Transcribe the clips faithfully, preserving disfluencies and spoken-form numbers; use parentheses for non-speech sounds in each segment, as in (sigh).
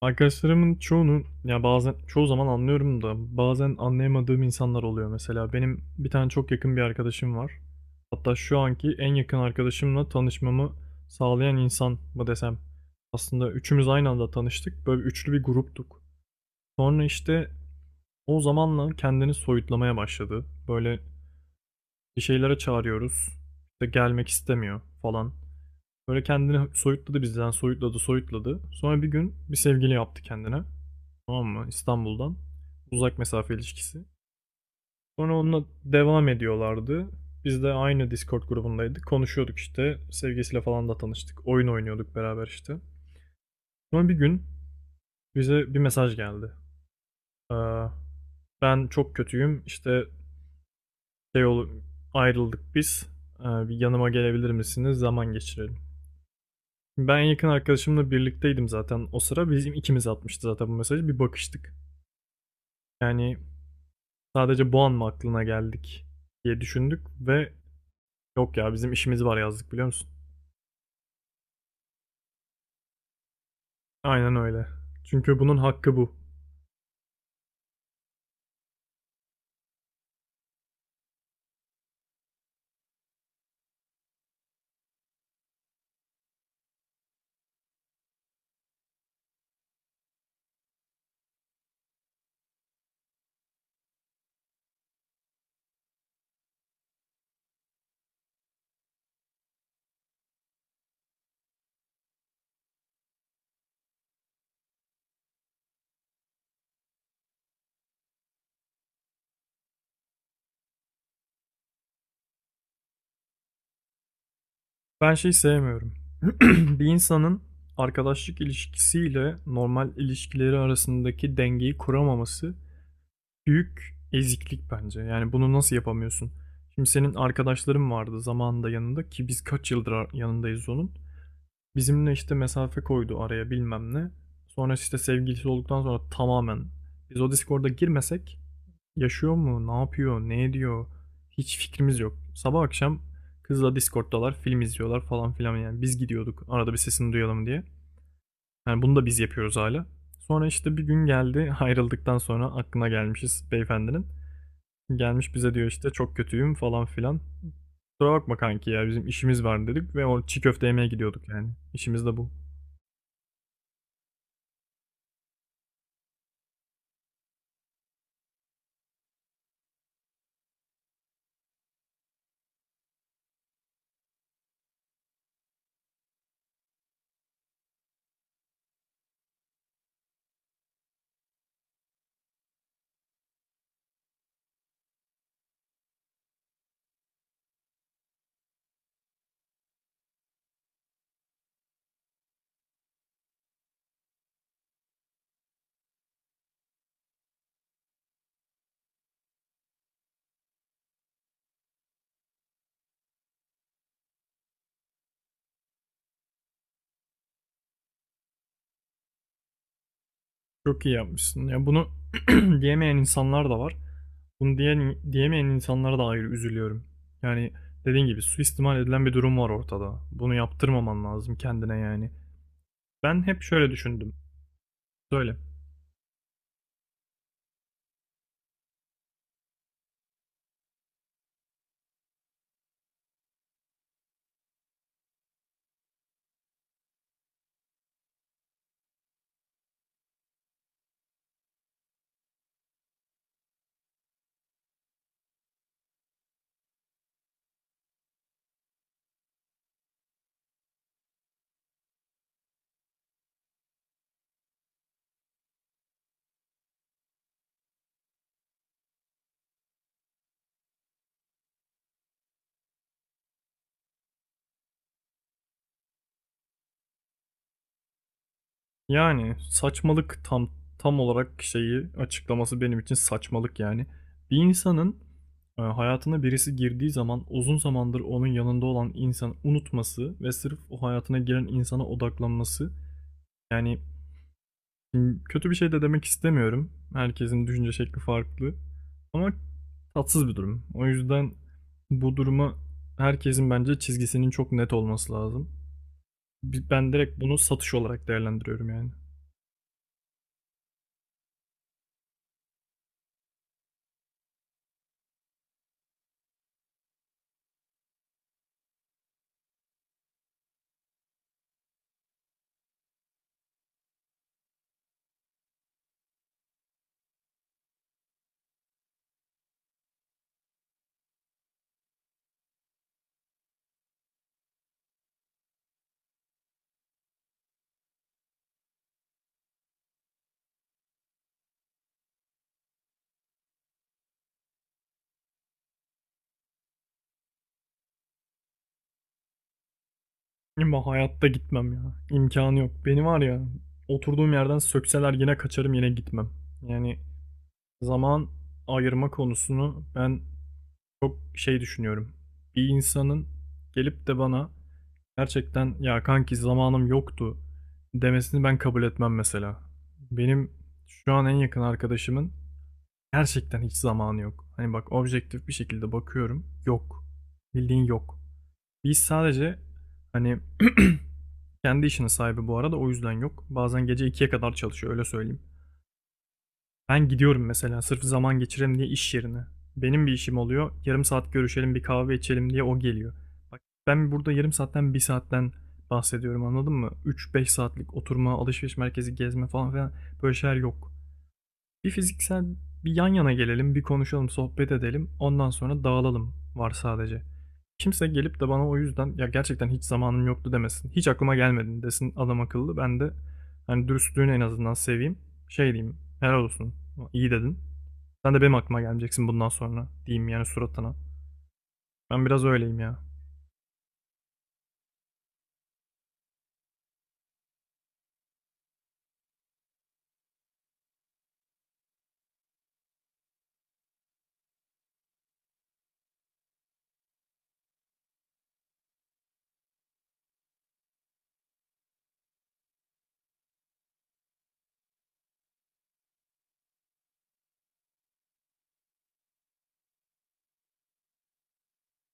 Arkadaşlarımın çoğunu ya bazen çoğu zaman anlıyorum da bazen anlayamadığım insanlar oluyor mesela. Benim bir tane çok yakın bir arkadaşım var. Hatta şu anki en yakın arkadaşımla tanışmamı sağlayan insan mı desem. Aslında üçümüz aynı anda tanıştık. Böyle üçlü bir gruptuk. Sonra işte o zamanla kendini soyutlamaya başladı. Böyle bir şeylere çağırıyoruz. İşte gelmek istemiyor falan. Böyle kendini soyutladı bizden, soyutladı, soyutladı. Sonra bir gün bir sevgili yaptı kendine. Tamam mı? İstanbul'dan. Uzak mesafe ilişkisi. Sonra onunla devam ediyorlardı. Biz de aynı Discord grubundaydık. Konuşuyorduk işte. Sevgisiyle falan da tanıştık. Oyun oynuyorduk beraber işte. Sonra bir gün bize bir mesaj geldi. Ee, ben çok kötüyüm. İşte şey ol ayrıldık biz. Ee, bir yanıma gelebilir misiniz? Zaman geçirelim. Ben en yakın arkadaşımla birlikteydim zaten o sıra. Bizim ikimiz atmıştı zaten bu mesajı. Bir bakıştık. Yani sadece bu an mı aklına geldik diye düşündük ve yok ya bizim işimiz var yazdık biliyor musun? Aynen öyle. Çünkü bunun hakkı bu. Ben şeyi sevmiyorum. (clears throat) (laughs) Bir insanın arkadaşlık ilişkisiyle normal ilişkileri arasındaki dengeyi kuramaması büyük eziklik bence. Yani bunu nasıl yapamıyorsun? Şimdi senin arkadaşların vardı zamanında yanında ki biz kaç yıldır yanındayız onun. Bizimle işte mesafe koydu araya bilmem ne. Sonra işte sevgilisi olduktan sonra tamamen biz o Discord'a girmesek yaşıyor mu, ne yapıyor, ne ediyor hiç fikrimiz yok. Sabah akşam kızla Discord'dalar, film izliyorlar falan filan yani biz gidiyorduk arada bir sesini duyalım diye. Yani bunu da biz yapıyoruz hala. Sonra işte bir gün geldi (laughs) ayrıldıktan sonra aklına gelmişiz beyefendinin. Gelmiş bize diyor işte çok kötüyüm falan filan. Kusura bakma kanki ya bizim işimiz var dedik ve o çiğ köfte yemeye gidiyorduk yani. İşimiz de bu. Çok iyi yapmışsın. Ya bunu (clears throat) diyemeyen insanlar da var. Bunu diyen, diyemeyen insanlara da ayrı üzülüyorum. Yani dediğin gibi suistimal edilen bir durum var ortada. Bunu yaptırmaman lazım kendine yani. Ben hep şöyle düşündüm. Söyle. Yani saçmalık, tam tam olarak şeyi açıklaması benim için saçmalık yani. Bir insanın e, hayatına birisi girdiği zaman uzun zamandır onun yanında olan insan unutması ve sırf o hayatına giren insana odaklanması yani Şimdi kötü bir şey de demek istemiyorum. Herkesin düşünce şekli farklı. Ama tatsız bir durum. O yüzden bu duruma herkesin bence çizgisinin çok net olması lazım. Ben direkt bunu satış olarak değerlendiriyorum yani. Ama hayatta gitmem ya. İmkanı yok. Beni var ya, oturduğum yerden sökseler yine kaçarım, yine gitmem. Yani zaman ayırma konusunu ben çok şey düşünüyorum. Bir insanın gelip de bana Gerçekten ya kanki zamanım yoktu" demesini ben kabul etmem mesela. Benim şu an en yakın arkadaşımın gerçekten hiç zamanı yok. Hani bak, objektif bir şekilde bakıyorum. Yok. Bildiğin yok. Biz sadece hani (clears throat) kendi işinin sahibi bu arada, o yüzden yok. Bazen gece ikiye kadar çalışıyor, öyle söyleyeyim. Ben gidiyorum mesela sırf zaman geçirelim diye iş yerine. Benim bir işim oluyor. Yarım saat görüşelim, bir kahve içelim diye o geliyor. Bak, ben burada yarım saatten, bir saatten bahsediyorum, anladın mı? Üç beş saatlik oturma, alışveriş merkezi gezme falan filan, böyle şeyler yok. Bir fiziksel bir yan yana gelelim, bir konuşalım, sohbet edelim. Ondan sonra dağılalım var sadece. Kimse gelip de bana o yüzden "Ya, gerçekten hiç zamanım yoktu." demesin. "Hiç aklıma gelmedi" desin adam akıllı. Ben de, hani, dürüstlüğünü en azından seveyim. Şey diyeyim, "Helal olsun, iyi dedin. Sen de benim aklıma gelmeyeceksin bundan sonra." diyeyim yani suratına. Ben biraz öyleyim ya.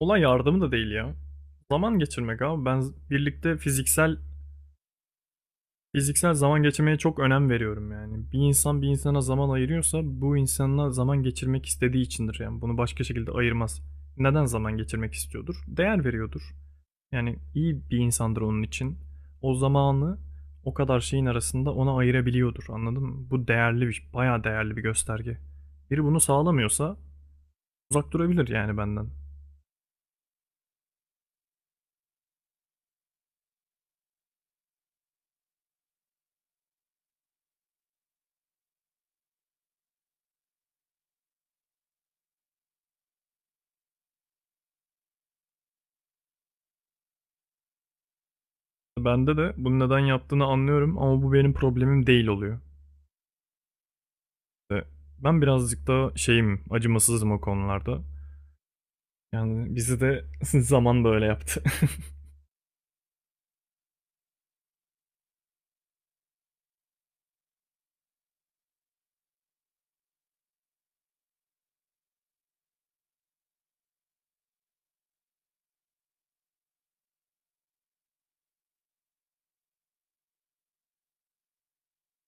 Olay yardımı da değil ya. Zaman geçirmek abi. Ben birlikte fiziksel fiziksel zaman geçirmeye çok önem veriyorum yani. Bir insan bir insana zaman ayırıyorsa, bu insanla zaman geçirmek istediği içindir yani. Bunu başka şekilde ayırmaz. Neden zaman geçirmek istiyordur? Değer veriyordur. Yani iyi bir insandır onun için. O zamanı o kadar şeyin arasında ona ayırabiliyordur. Anladın mı? Bu değerli bir, bayağı değerli bir gösterge. Biri bunu sağlamıyorsa uzak durabilir yani benden. Bende de bunu neden yaptığını anlıyorum ama bu benim problemim değil oluyor. Ben birazcık daha şeyim, acımasızım o konularda. Yani bizi de (laughs) zaman da öyle yaptı. (laughs)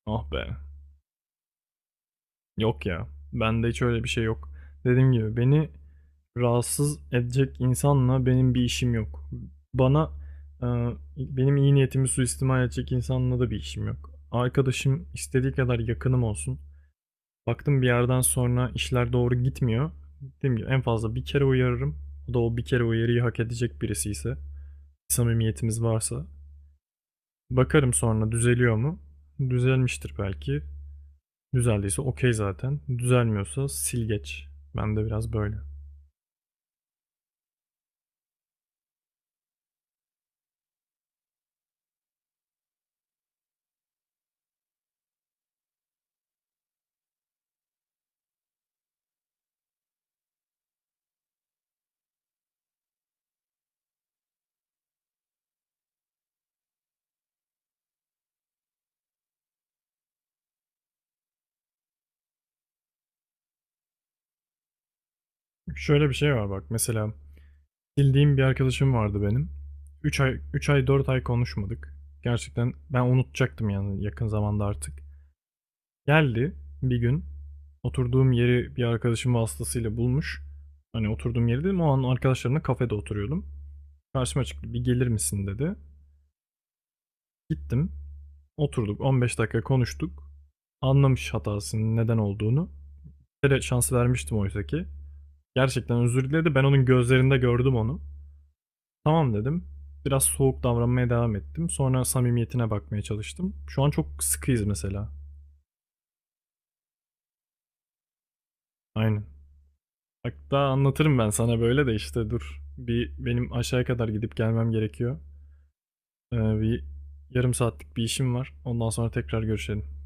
Ah be. Yok ya. Bende hiç öyle bir şey yok. Dediğim gibi beni rahatsız edecek insanla benim bir işim yok. Bana e, benim iyi niyetimi suistimal edecek insanla da bir işim yok. Arkadaşım istediği kadar yakınım olsun. Baktım bir yerden sonra işler doğru gitmiyor. Dediğim gibi en fazla bir kere uyarırım. O da o bir kere uyarıyı hak edecek birisi ise, samimiyetimiz varsa. Bakarım sonra, düzeliyor mu? Düzelmiştir belki. Düzeldiyse okey zaten. Düzelmiyorsa sil geç. Ben de biraz böyle. Şöyle bir şey var bak, mesela Bildiğim bir arkadaşım vardı benim. üç ay üç ay dört ay konuşmadık. Gerçekten ben unutacaktım yani yakın zamanda artık. Geldi bir gün, oturduğum yeri bir arkadaşım vasıtasıyla bulmuş. Hani oturduğum yeri dedim, o an arkadaşlarımla kafede oturuyordum. Karşıma çıktı, bir gelir misin dedi. Gittim. Oturduk on beş dakika konuştuk. Anlamış hatasının neden olduğunu. Bir kere şans vermiştim oysa ki. Gerçekten özür diledi. Ben onun gözlerinde gördüm onu. Tamam dedim. Biraz soğuk davranmaya devam ettim. Sonra samimiyetine bakmaya çalıştım. Şu an çok sıkıyız mesela. Aynen. Hatta anlatırım ben sana böyle de işte dur. Bir benim aşağıya kadar gidip gelmem gerekiyor. Ee, bir yarım saatlik bir işim var. Ondan sonra tekrar görüşelim.